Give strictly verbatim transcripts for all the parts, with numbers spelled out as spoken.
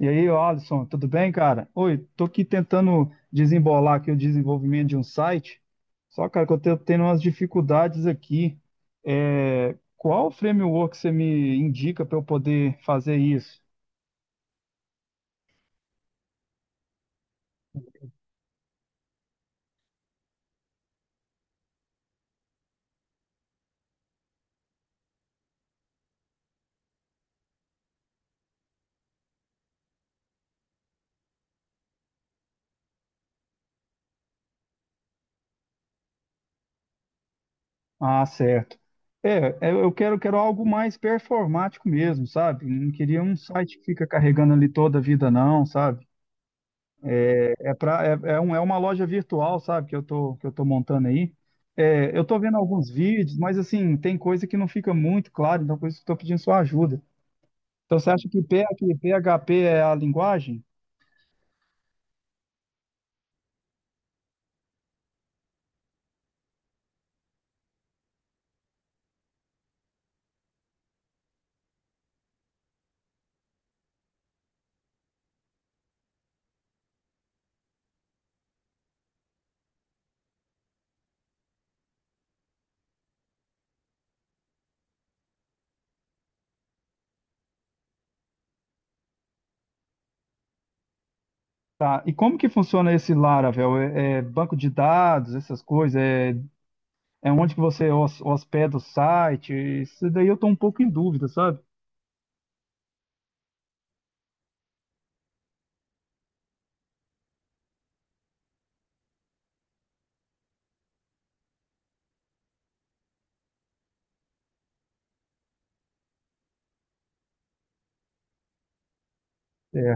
E aí, ô Alisson, tudo bem, cara? Oi, tô aqui tentando desembolar aqui o desenvolvimento de um site, só, cara, que eu tô tendo umas dificuldades aqui. É, qual framework você me indica para eu poder fazer isso? Ah, certo. É, é, eu quero, quero algo mais performático mesmo, sabe? Não queria um site que fica carregando ali toda a vida, não, sabe? É, pra, é, é, um, é uma loja virtual, sabe, que eu tô, que eu tô montando aí. É, eu tô vendo alguns vídeos, mas assim, tem coisa que não fica muito claro, então por isso que eu tô pedindo sua ajuda. Então você acha que P- que P H P é a linguagem? Tá. E como que funciona esse Laravel? É, é banco de dados, essas coisas? É, é onde que você hos- hospeda o site? Isso daí eu tô um pouco em dúvida, sabe? É,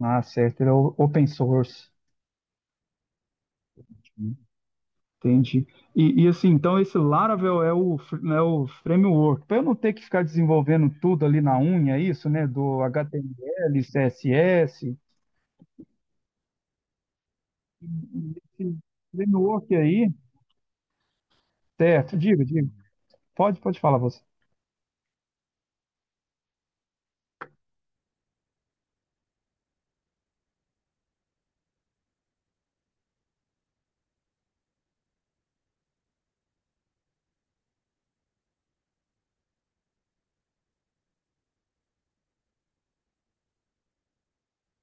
ah, certo, ele é o- open source. Entendi. E, e, assim, então esse Laravel é o, fr- é o framework, para eu não ter que ficar desenvolvendo tudo ali na unha, é isso, né? Do H T M L, C S S. Esse framework aí, certo, diga, diga. Pode, pode falar você.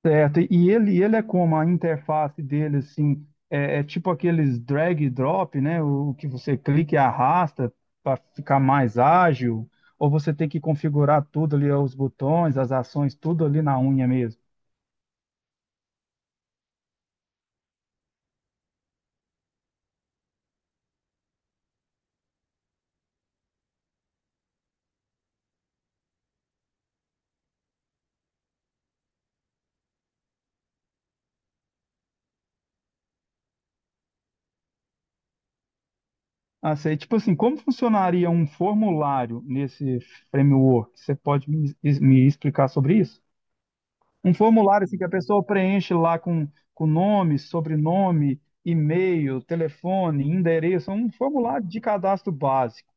Certo. E ele, ele é como a interface dele, assim, é, é tipo aqueles drag e drop, né? O que você clica e arrasta para ficar mais ágil, ou você tem que configurar tudo ali, os botões, as ações, tudo ali na unha mesmo. Ah, sei. Tipo assim, como funcionaria um formulário nesse framework? Você pode me, me explicar sobre isso? Um formulário assim, que a pessoa preenche lá com, com nome, sobrenome, e-mail, telefone, endereço, é um formulário de cadastro básico.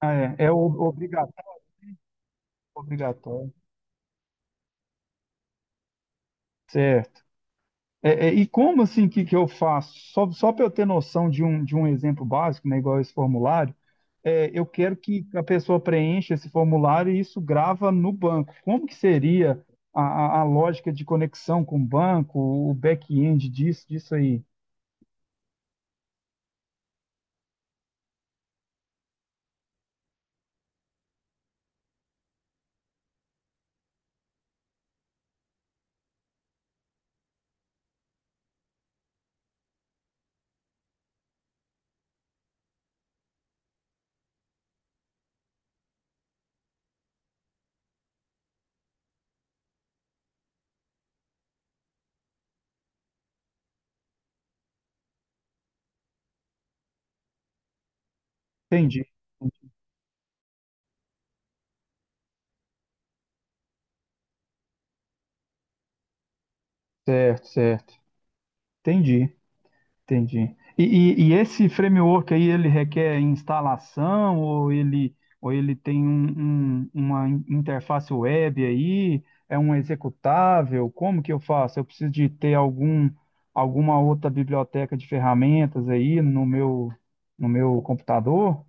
Ah, é, é o- obrigatório, obrigatório. Certo. É, é, e como assim que, que eu faço? Só, só para eu ter noção de um, de um exemplo básico, né, igual esse formulário, é, eu quero que a pessoa preencha esse formulário e isso grava no banco. Como que seria a, a, a lógica de conexão com o banco, o back-end disso, disso aí? Entendi. Certo, certo. Entendi. Entendi. E, e- e esse framework aí, ele requer instalação ou ele, ou ele tem um- um- uma in- interface web aí? É um executável? Como que eu faço? Eu preciso de ter algum, alguma outra biblioteca de ferramentas aí no meu, no meu computador?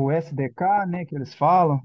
O S D K, né, que eles falam.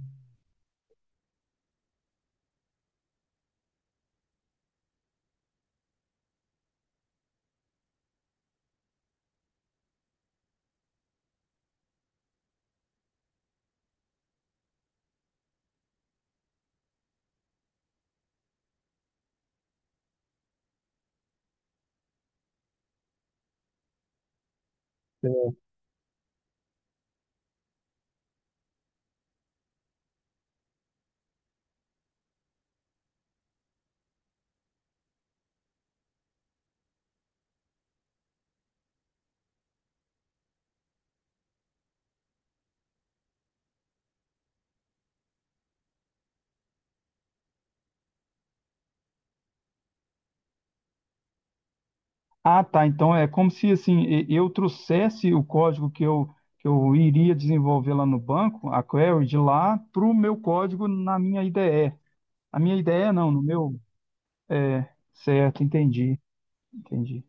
Ah, tá. Então é como se assim e- eu trouxesse o código que eu, que eu iria desenvolver lá no banco, a query de lá, para o meu código na minha I D E. A minha I D E não, no meu. É, certo, entendi, entendi.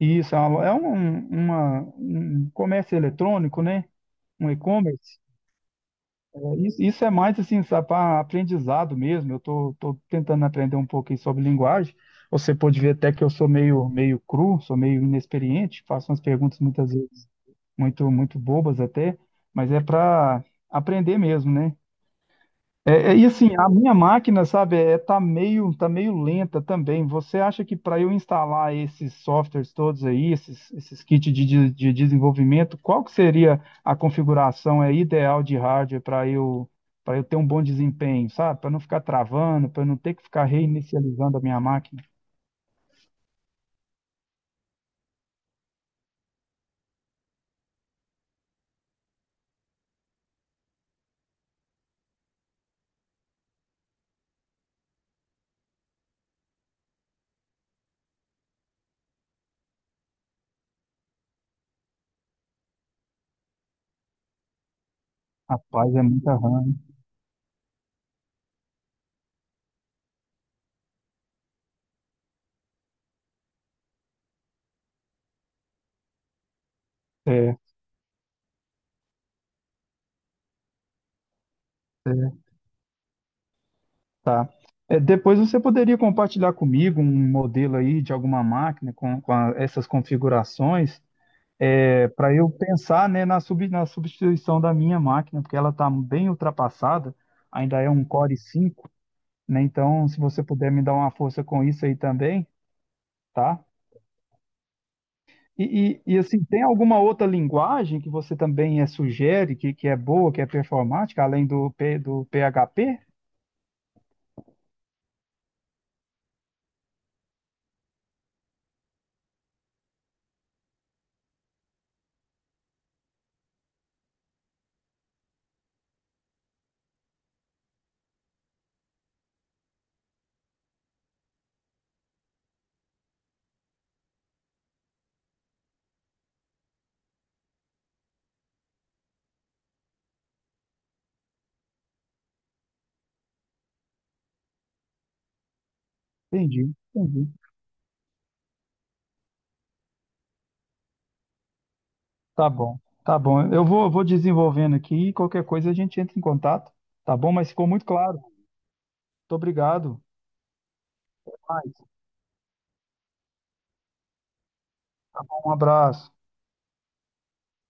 Isso, é uma, é um um, uma- um comércio eletrônico, né? Um e-commerce. É, isso, isso é mais assim, para aprendizado mesmo. Eu tô, tô tentando aprender um pouquinho sobre linguagem. Você pode ver até que eu sou meio, meio cru, sou meio inexperiente, faço umas perguntas muitas vezes muito, muito bobas até, mas é para aprender mesmo, né? É, é- e assim, a minha máquina, sabe, é, tá meio, tá meio lenta também. Você acha que para eu instalar esses softwares todos aí, esses, esses kits de, de, de desenvolvimento, qual que seria a configuração é, ideal de hardware para eu, para eu ter um bom desempenho, sabe? Para não ficar travando, para não ter que ficar reinicializando a minha máquina. Rapaz, é muita RAM, hein? É, é. Tá. É, depois você poderia compartilhar comigo um modelo aí de alguma máquina com, com a- essas configurações, para eu pensar, né, na, sub- na substituição da minha máquina, porque ela está bem ultrapassada, ainda é um Core cinco, né? Então, se você puder me dar uma força com isso aí também, tá? E, e, e, assim, tem alguma outra linguagem que você também eh, sugere que, que é boa, que é performática, além do, P, do P H P? Entendi, entendi. Tá bom, tá bom. Eu vou, eu vou desenvolvendo aqui e qualquer coisa a gente entra em contato, tá bom? Mas ficou muito claro. Muito obrigado. Um abraço.